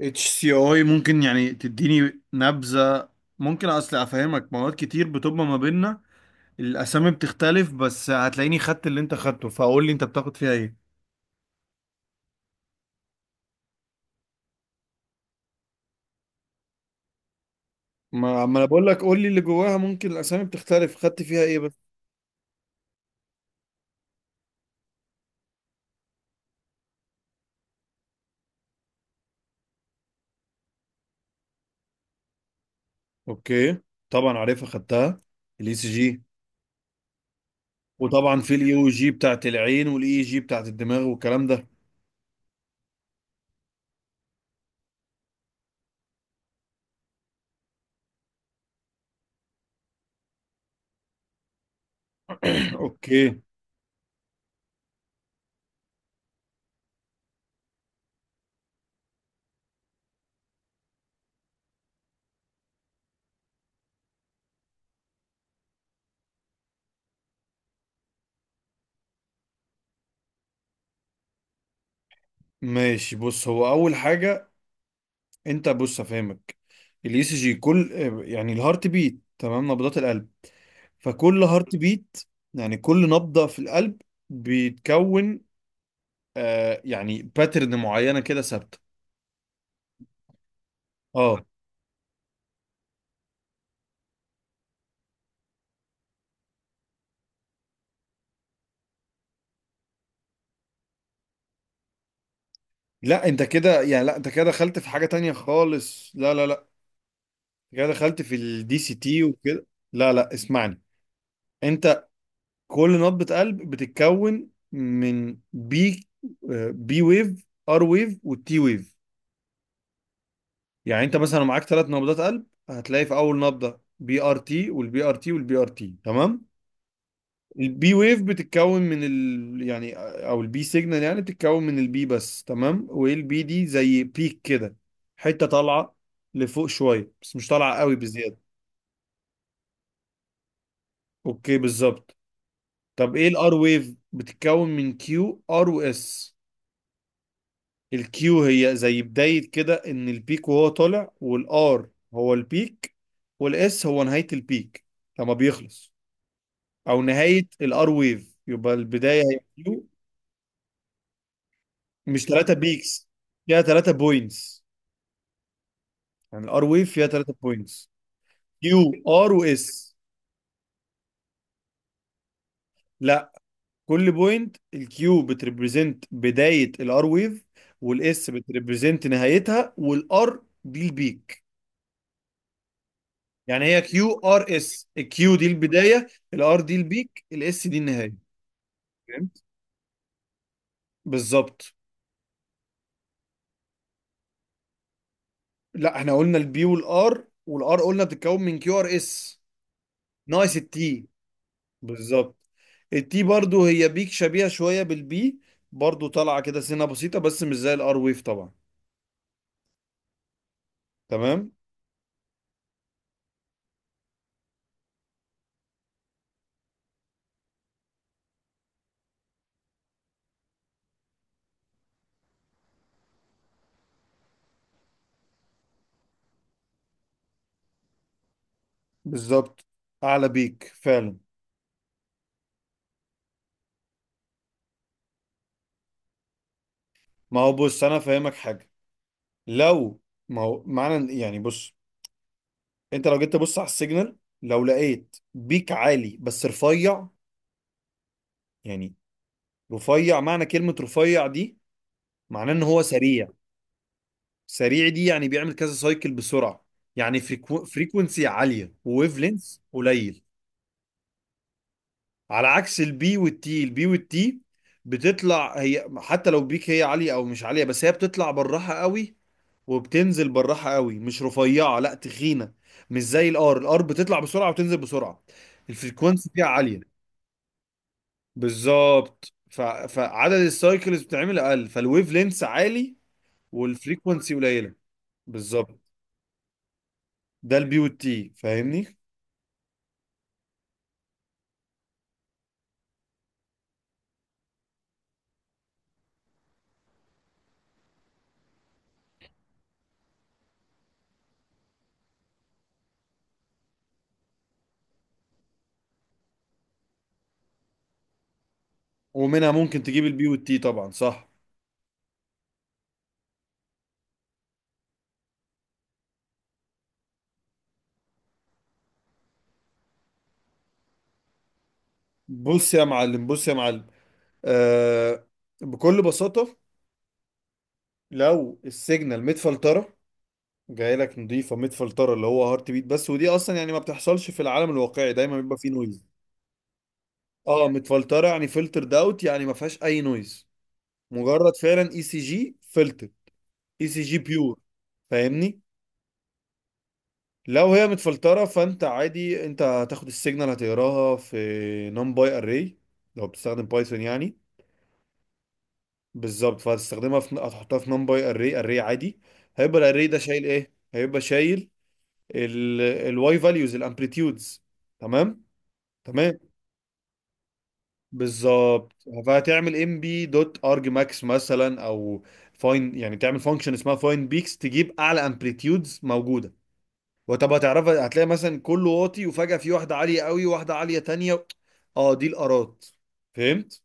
اتش سي اي، ممكن يعني تديني نبذة؟ ممكن اصل افهمك، مواد كتير بتبقى ما بيننا الاسامي بتختلف، بس هتلاقيني خدت اللي انت خدته، فقول لي انت بتاخد فيها ايه. ما انا بقول لك قول لي اللي جواها، ممكن الاسامي بتختلف، خدت فيها ايه بس. اوكي، طبعا عارفها خدتها، الاي سي جي. وطبعا في الاي او جي بتاعت العين، والاي جي بتاعت الدماغ والكلام ده. اوكي ماشي، بص هو اول حاجة. انت بص افهمك، الاي سي جي كل يعني الهارت بيت، تمام؟ نبضات القلب. فكل هارت بيت يعني كل نبضة في القلب بيتكون يعني باترن معينة كده ثابتة. اه، لا انت كده يعني، لا انت كده دخلت في حاجة تانية خالص، لا. انت كده دخلت في الدي سي تي وكده. لا اسمعني. انت كل نبضة قلب بتتكون من بي، بي ويف، ار ويف، والتي ويف. يعني انت مثلا لو معاك ثلاث نبضات قلب، هتلاقي في اول نبضة بي ار تي، والبي ار تي، والبي ار تي، تمام. البي ويف بتتكون من ال يعني، او البي سيجنال يعني بتتكون من البي بس، تمام؟ والبي دي زي بيك كده، حته طالعه لفوق شويه، بس مش طالعه قوي بزياده. اوكي بالظبط. طب ايه الار ويف؟ بتتكون من كيو ار واس. الكيو هي زي بدايه كده ان البيك وهو طالع، والار هو البيك، والاس هو نهايه البيك لما بيخلص، او نهايه الار ويف. يبقى البدايه هي كيو. مش ثلاثه بيكس، فيها ثلاثه بوينتس. يعني الار ويف فيها ثلاثة بوينتس: كيو ار واس. لا، كل بوينت، الكيو بتريبريزنت بداية الار ويف، والاس بتريبريزنت نهايتها، والار دي البيك. يعني هي كيو ار اس، الكيو دي البداية، الار دي البيك، الاس دي النهاية. فهمت؟ بالظبط. لا احنا قلنا البي والار، والار قلنا بتتكون من كيو ار اس. ناقص التي. بالظبط. التي برضو هي بيك شبيهة شوية بالبي، برضو طالعة كده سنة بسيطة بس مش زي الار ويف طبعا. تمام. بالظبط، اعلى بيك فعلا. ما هو بص، انا فاهمك حاجه. لو، ما هو معنى يعني، بص انت لو جيت تبص على السيجنال، لو لقيت بيك عالي بس رفيع، يعني رفيع، معنى كلمه رفيع دي معناه ان هو سريع. سريع دي يعني بيعمل كذا سايكل بسرعه، يعني فريكونسي عاليه، وويف لينس قليل. على عكس البي والتي، البي والتي بتطلع هي، حتى لو بيك هي عاليه او مش عاليه، بس هي بتطلع بالراحه قوي وبتنزل بالراحه قوي، مش رفيعه، لا تخينه. مش زي الار، الار بتطلع بسرعه وتنزل بسرعه، الفريكونسي فيها عاليه. بالظبط، فعدد السايكلز بتعمل اقل، فالويف لينس عالي والفريكونسي قليله. بالظبط. ده البي والتي فاهمني؟ ومنها ممكن تجيب البي والتي طبعا، صح. بص يا معلم، بص يا معلم. آه بكل بساطه، لو السيجنال متفلتره، جاي لك نضيفه متفلتره اللي هو هارت بيت بس، ودي اصلا يعني ما بتحصلش في العالم الواقعي، دايما بيبقى فيه نويز. اه متفلتره، يعني فلتر داوت، يعني ما فيهاش اي نويز، مجرد فعلا اي سي جي فلتر. اي سي جي بيور، فاهمني؟ لو هي متفلتره، فانت عادي انت هتاخد السيجنال، هتقراها في نum باي اري، لو بتستخدم بايثون يعني. بالظبط، فهتستخدمها في، هتحطها في نم باي اري اري عادي. هيبقى الاري ده شايل ايه؟ هيبقى شايل الواي فاليوز، الامبليتيودز. تمام، تمام. بالظبط. فهتعمل ام بي دوت ارج ماكس مثلا، او فاين، يعني تعمل فانكشن اسمها فاين بيكس، تجيب اعلى امبليتيودز موجوده. وطب هتعرفها؟ هتلاقي مثلا كله واطي، وفجاه في واحده عاليه قوي وواحده عاليه تانية، اه دي الارات. فهمت؟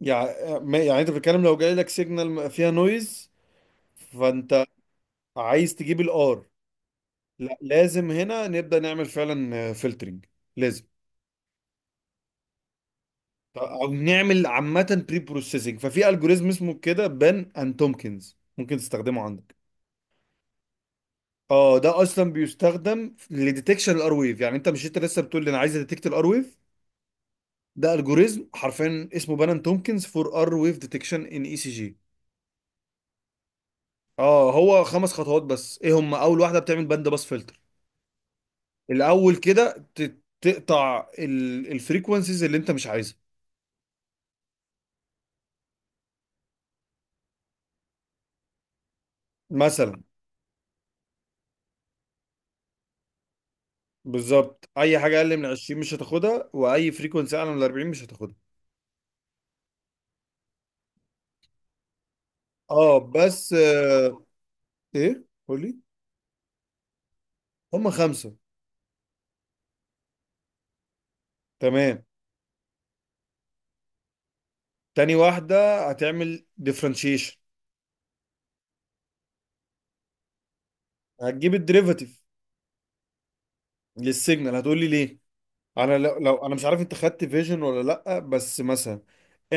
يعني يعني انت بتتكلم، لو جاي لك سيجنال فيها نويز، فانت عايز تجيب الار. لا، لازم هنا نبدا نعمل فعلا فلترنج، لازم. او نعمل عامه بري بروسيسنج، ففي الجوريزم اسمه كده بان اند تومكنز، ممكن تستخدمه عندك. اه ده اصلا بيستخدم لديتكشن الار ويف، يعني انت مش انت لسه بتقول لي انا عايز اديتكت الار ويف؟ ده الجوريزم حرفيا اسمه بان اند تومكنز فور ار ويف ديتكشن ان اي سي جي. اه، هو خمس خطوات بس. ايه هم؟ اول واحده بتعمل باند باس فلتر، الاول كده تقطع الفريكونسيز اللي انت مش عايزها. مثلا بالظبط، اي حاجه اقل من 20 مش هتاخدها، واي فريكونسي اعلى من 40 مش هتاخدها. اه بس ايه؟ قولي. هم خمسة. تمام، تاني واحدة هتعمل ديفرنشيشن. هتجيب الديريفاتيف للسيجنال. هتقولي ليه؟ انا لو انا مش عارف انت خدت فيجن ولا لا، بس مثلا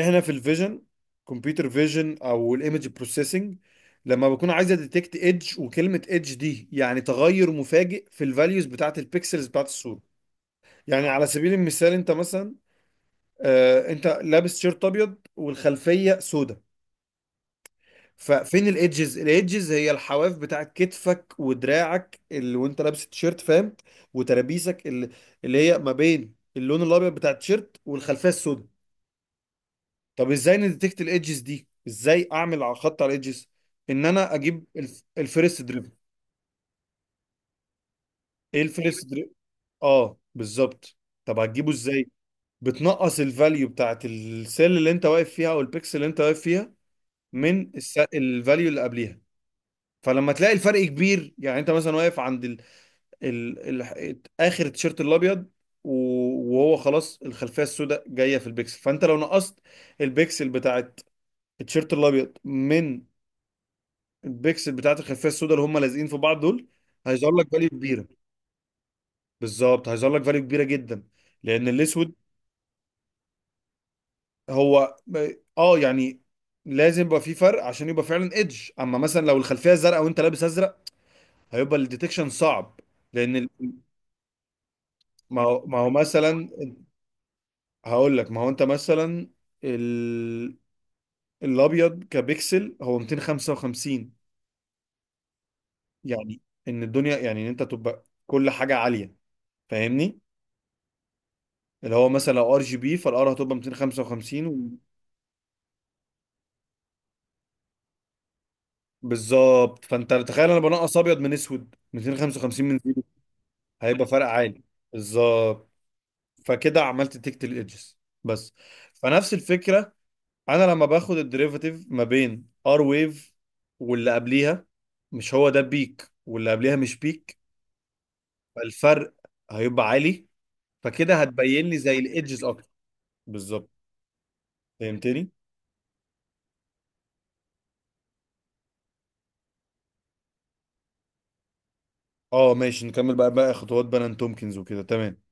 احنا في الفيجن، كمبيوتر فيجن او الايمج بروسيسنج، لما بكون عايزه ديتكت ايدج، وكلمه ايدج دي يعني تغير مفاجئ في الفاليوز بتاعت البيكسلز بتاعت الصوره. يعني على سبيل المثال، انت مثلا، انت لابس شيرت ابيض والخلفيه سوداء، ففين الايدجز؟ الايدجز هي الحواف بتاعت كتفك ودراعك اللي وانت لابس التيشيرت، فاهم؟ وترابيسك، اللي هي ما بين اللون الابيض بتاع التيشيرت والخلفيه السوداء. طب ازاي نديتكت الايدجز دي؟ ازاي اعمل على خط على الايدجز؟ ان انا اجيب الفيرست دريفل. ايه الفيرست دريفل؟ اه بالظبط. طب هتجيبه ازاي؟ بتنقص الفاليو بتاعت السيل اللي انت واقف فيها، او البيكسل اللي انت واقف فيها، من الفاليو اللي قبليها. فلما تلاقي الفرق كبير، يعني انت مثلا واقف عند اخر التيشيرت الابيض، و- وهو خلاص الخلفيه السوداء جايه في البيكسل، فانت لو نقصت البيكسل بتاعت التيشيرت الابيض من البيكسل بتاعت الخلفيه السوداء، اللي هم لازقين في بعض دول، هيظهر لك فاليو كبيره. بالظبط، هيظهر لك فاليو كبيره جدا، لان الاسود هو، اه يعني لازم يبقى في فرق عشان يبقى فعلا ايدج. اما مثلا لو الخلفيه زرقاء وانت لابس ازرق، هيبقى الديتكشن صعب، لان ما هو، ما هو مثلا هقول لك. ما هو انت مثلا ال... الابيض كبيكسل هو 255، يعني ان الدنيا، يعني ان انت تبقى كل حاجه عاليه، فاهمني؟ اللي هو مثلا لو ار جي بي، فالار هتبقى 255 و... بالظبط، فانت تخيل انا بنقص ابيض من اسود، 255 من زيرو، هيبقى فرق عالي. بالظبط، فكده عملت تكت الادجز بس. فنفس الفكره، انا لما باخد الديريفاتيف ما بين ار ويف واللي قبليها، مش هو ده بيك واللي قبليها مش بيك؟ فالفرق هيبقى عالي، فكده هتبين لي زي الايدجز اكتر. بالظبط. فهمتني؟ اه ماشي نكمل، بقى بقى خطوات بنان تومكنز وكده، تمام.